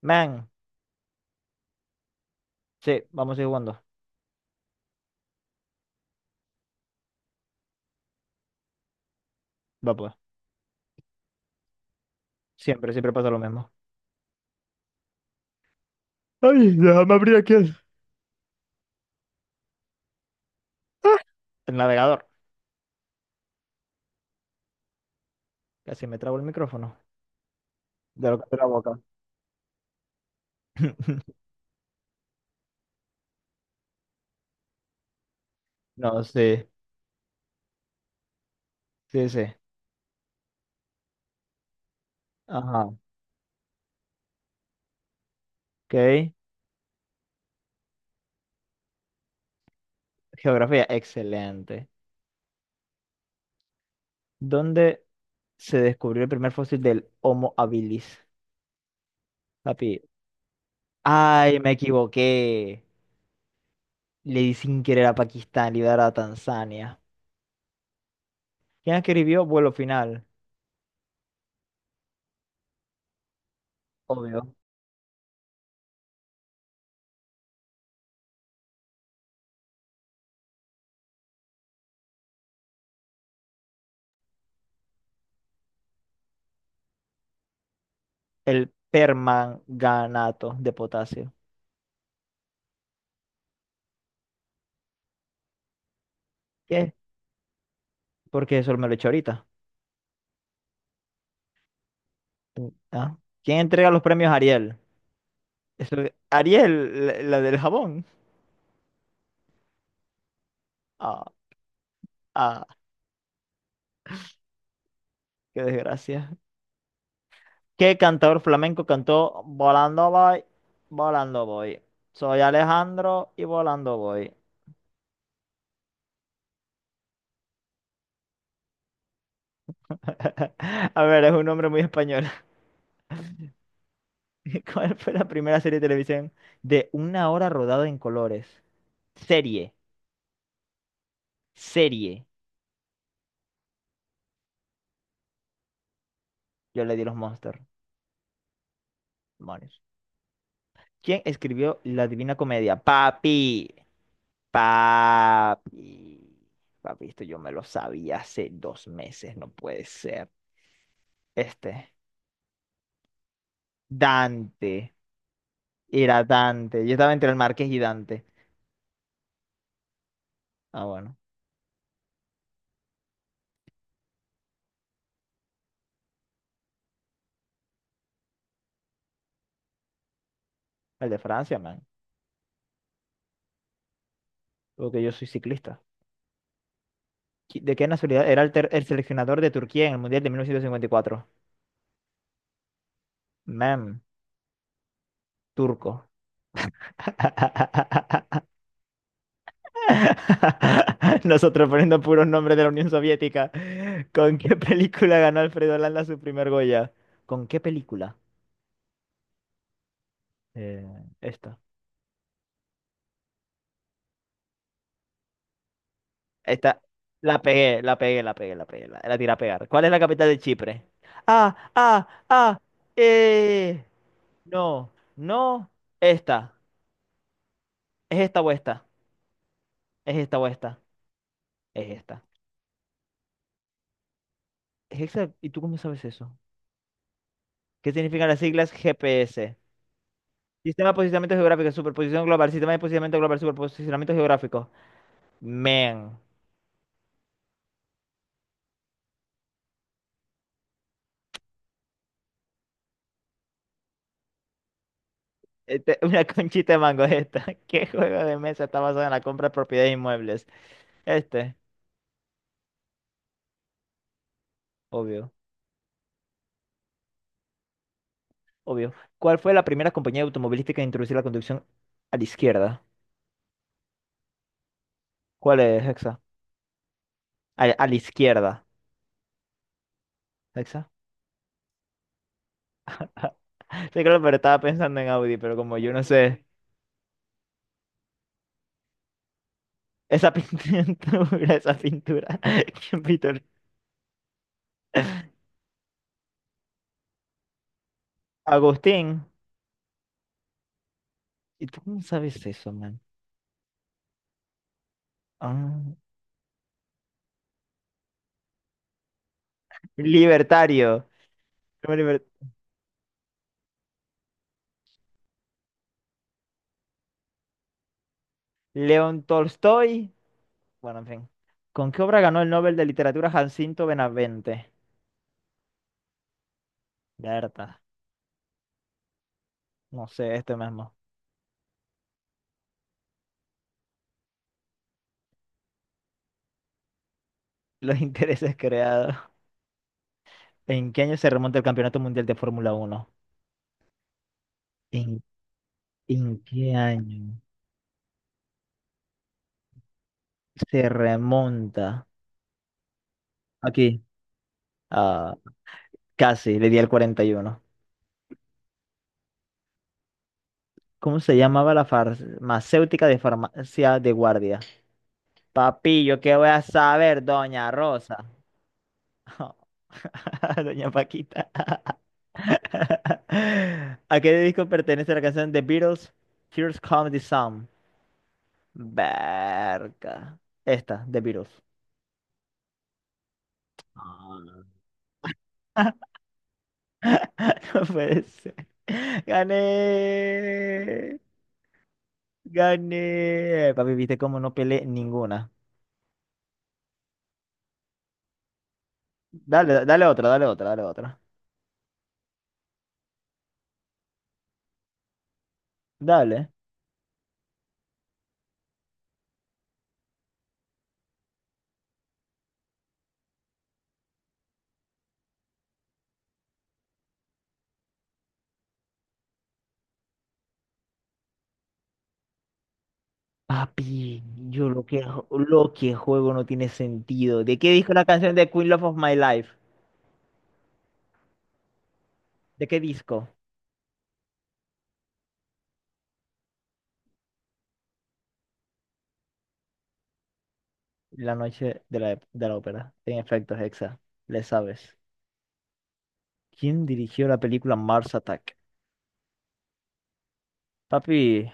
Man, sí, vamos a seguir jugando. Va pues. Siempre, siempre pasa lo mismo. Ay, déjame abrir aquí el... ¡Ah! El navegador. Casi me trabo el micrófono. De lo que hace la boca. No, sí. Sí, sí. Ajá. Ok. Geografía, excelente. ¿Dónde se descubrió el primer fósil del Homo habilis? Papi. Ay, me equivoqué. Le di sin querer a Pakistán, le iba a dar a Tanzania. ¿Quién escribió Vuelo Final? Obvio. El permanganato de potasio. ¿Qué? Porque eso me lo he hecho ahorita. Ah. ¿Quién entrega los premios Ariel? Eso- Ariel, la del jabón. Ah, ah, qué desgracia. ¿Qué cantador flamenco cantó Volando voy, volando voy? Soy Alejandro y volando voy. A ver, es un nombre muy español. ¿Cuál fue la primera serie de televisión de una hora rodada en colores? Serie, serie. Yo le di los Monster. Demonios. ¿Quién escribió La Divina Comedia? Papi, papi, papi, esto yo me lo sabía hace 2 meses, no puede ser. Este, Dante, era Dante. Yo estaba entre el Marqués y Dante. Ah, bueno, el de Francia, man, porque yo soy ciclista. ¿De qué nacionalidad era el seleccionador de Turquía en el Mundial de 1954? Man, turco. Nosotros poniendo puros nombres de la Unión Soviética. ¿Con qué película ganó Alfredo Landa su primer Goya? ¿Con qué película? Eh, esta. Esta. La pegué, la pegué, la pegué, la pegué. La tiré a pegar. ¿Cuál es la capital de Chipre? Ah, ah, ah. Eh. No, no. Esta. ¿Es esta o esta? ¿Es esta o esta? Es esta. ¿Es esa? ¿Y tú cómo sabes eso? ¿Qué significan las siglas GPS? Sistema de posicionamiento geográfico, superposición global, sistema de posicionamiento global, superposicionamiento geográfico. Man, este, una conchita de mango es esta. ¿Qué juego de mesa está basado en la compra de propiedades de inmuebles? Este, obvio, obvio. ¿Cuál fue la primera compañía automovilística en introducir la conducción a la izquierda? ¿Cuál es, Hexa? A la izquierda, Hexa. Sí, claro, pero estaba pensando en Audi, pero como yo no sé. Esa pintura, esa pintura. ¿Quién pintó? Agustín. ¿Y tú cómo sabes eso, man? Ah. Libertario. liber- León Tolstoy. Bueno, en fin. ¿Con qué obra ganó el Nobel de Literatura Jacinto Benavente? Berta. No sé, este mismo. Los intereses creados. ¿En qué año se remonta el Campeonato Mundial de Fórmula Uno? ¿En, ¿en qué año se remonta? Aquí. Ah, casi, le di al 41. ¿Cómo se llamaba la farmacéutica de farmacia de guardia? Papi, ¿yo qué voy a saber, doña Rosa? Oh. Doña Paquita. ¿A qué disco pertenece la canción The Beatles? Here's Come the Sun. Verga. Esta, The Beatles. Ah, no puede ser. Gané. Gané. Papi, viste cómo no peleé ninguna. Dale, dale otra, dale otra, dale otra. Dale. Papi, yo lo que juego no tiene sentido. ¿De qué disco la canción de Queen Love of My Life? ¿De qué disco? La noche de la ópera. En efecto, Hexa, le sabes. ¿Quién dirigió la película Mars Attack? Papi,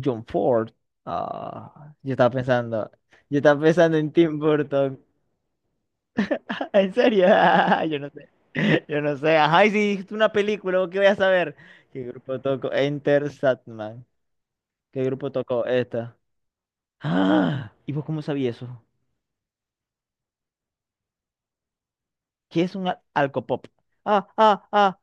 John Ford. Ah, yo estaba pensando en Tim Burton. ¿En serio? Yo no sé. Yo no sé. Ajá, y si dijiste una película, ¿vos ¿qué voy a saber? ¿Qué grupo tocó? Enter Satman. ¿Qué grupo tocó esta? Ah, ¿y vos cómo sabías eso? ¿Qué es un al- ¿Alcopop? Ah, ah, ah,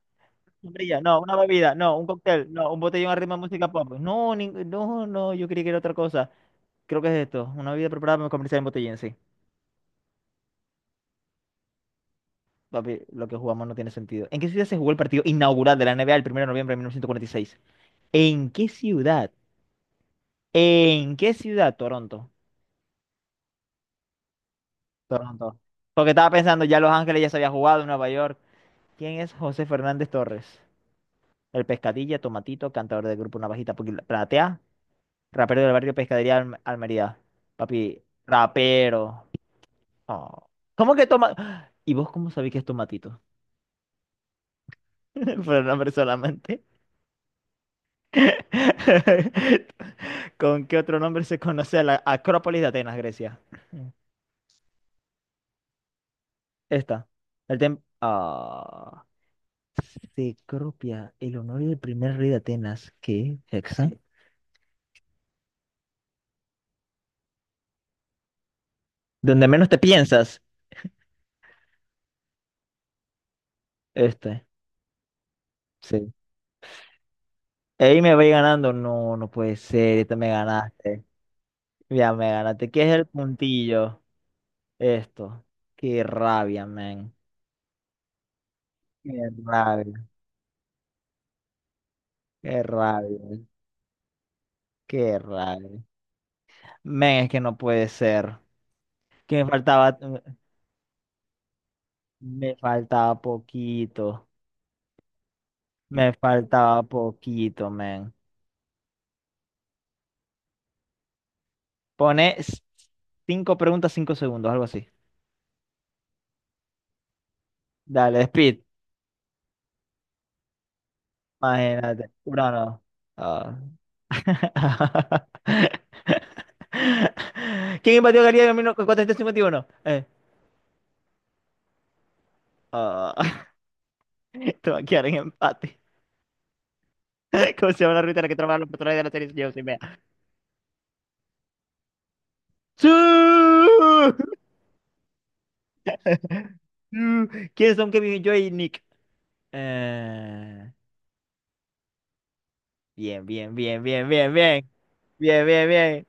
Sombrilla, no, una bebida, no, un cóctel, no, un botellón arriba de música pop. No, no, yo creí que era otra cosa. Creo que es esto, una bebida preparada para comercial en botellín, sí. Papi, lo que jugamos no tiene sentido. ¿En qué ciudad se jugó el partido inaugural de la NBA el 1 de noviembre de 1946? ¿En qué ciudad? ¿En qué ciudad? Toronto. Toronto. Porque estaba pensando, ya Los Ángeles ya se había jugado, en Nueva York. ¿Quién es José Fernández Torres? El pescadilla, tomatito, cantador del grupo Platea. Rapero del barrio Almería. Papi, rapero. Oh. ¿Cómo que toma? ¿Y vos cómo sabés que es tomatito? Por el nombre solamente. ¿Con qué otro nombre se conoce a la Acrópolis de Atenas, Grecia? Esta. El tem... Ah. Cecropia, el honor del primer rey de Atenas. ¿Qué? Exacto. Donde menos te piensas. Este. Sí. Ahí me voy ganando. No, no puede ser. Esta me ganaste. Ya me ganaste. ¿Qué es el puntillo? Esto. Qué rabia, men. Qué rabia. Qué rabia. Qué rabia. Men, es que no puede ser. Que me faltaba. Me faltaba poquito. Me faltaba poquito, men. Pone s- 5 preguntas, 5 segundos, algo así. Dale, speed. Imagínate. No, no. Ah. ¿Quién invadió Galilea en 1451? Ah, te va a quedar en empate. ¿Cómo se llama la ruta en la que trabajan los personajes de la serie? Yo soy Bea. ¡Sí! ¡Sí! ¿Quiénes son Kevin, Joy y Nick? Eh, bien, bien, bien, bien, bien, bien. Bien, bien, bien.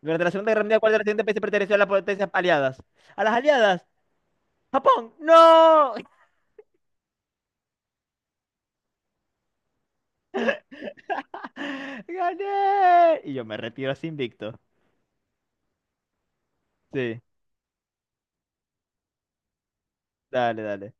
Durante la Segunda Guerra Mundial, ¿cuál de los siguientes países perteneció a las potencias aliadas? ¿A las aliadas? ¡Japón! ¡No! ¡Gané! Y yo me retiro así invicto. Sí, dale, dale.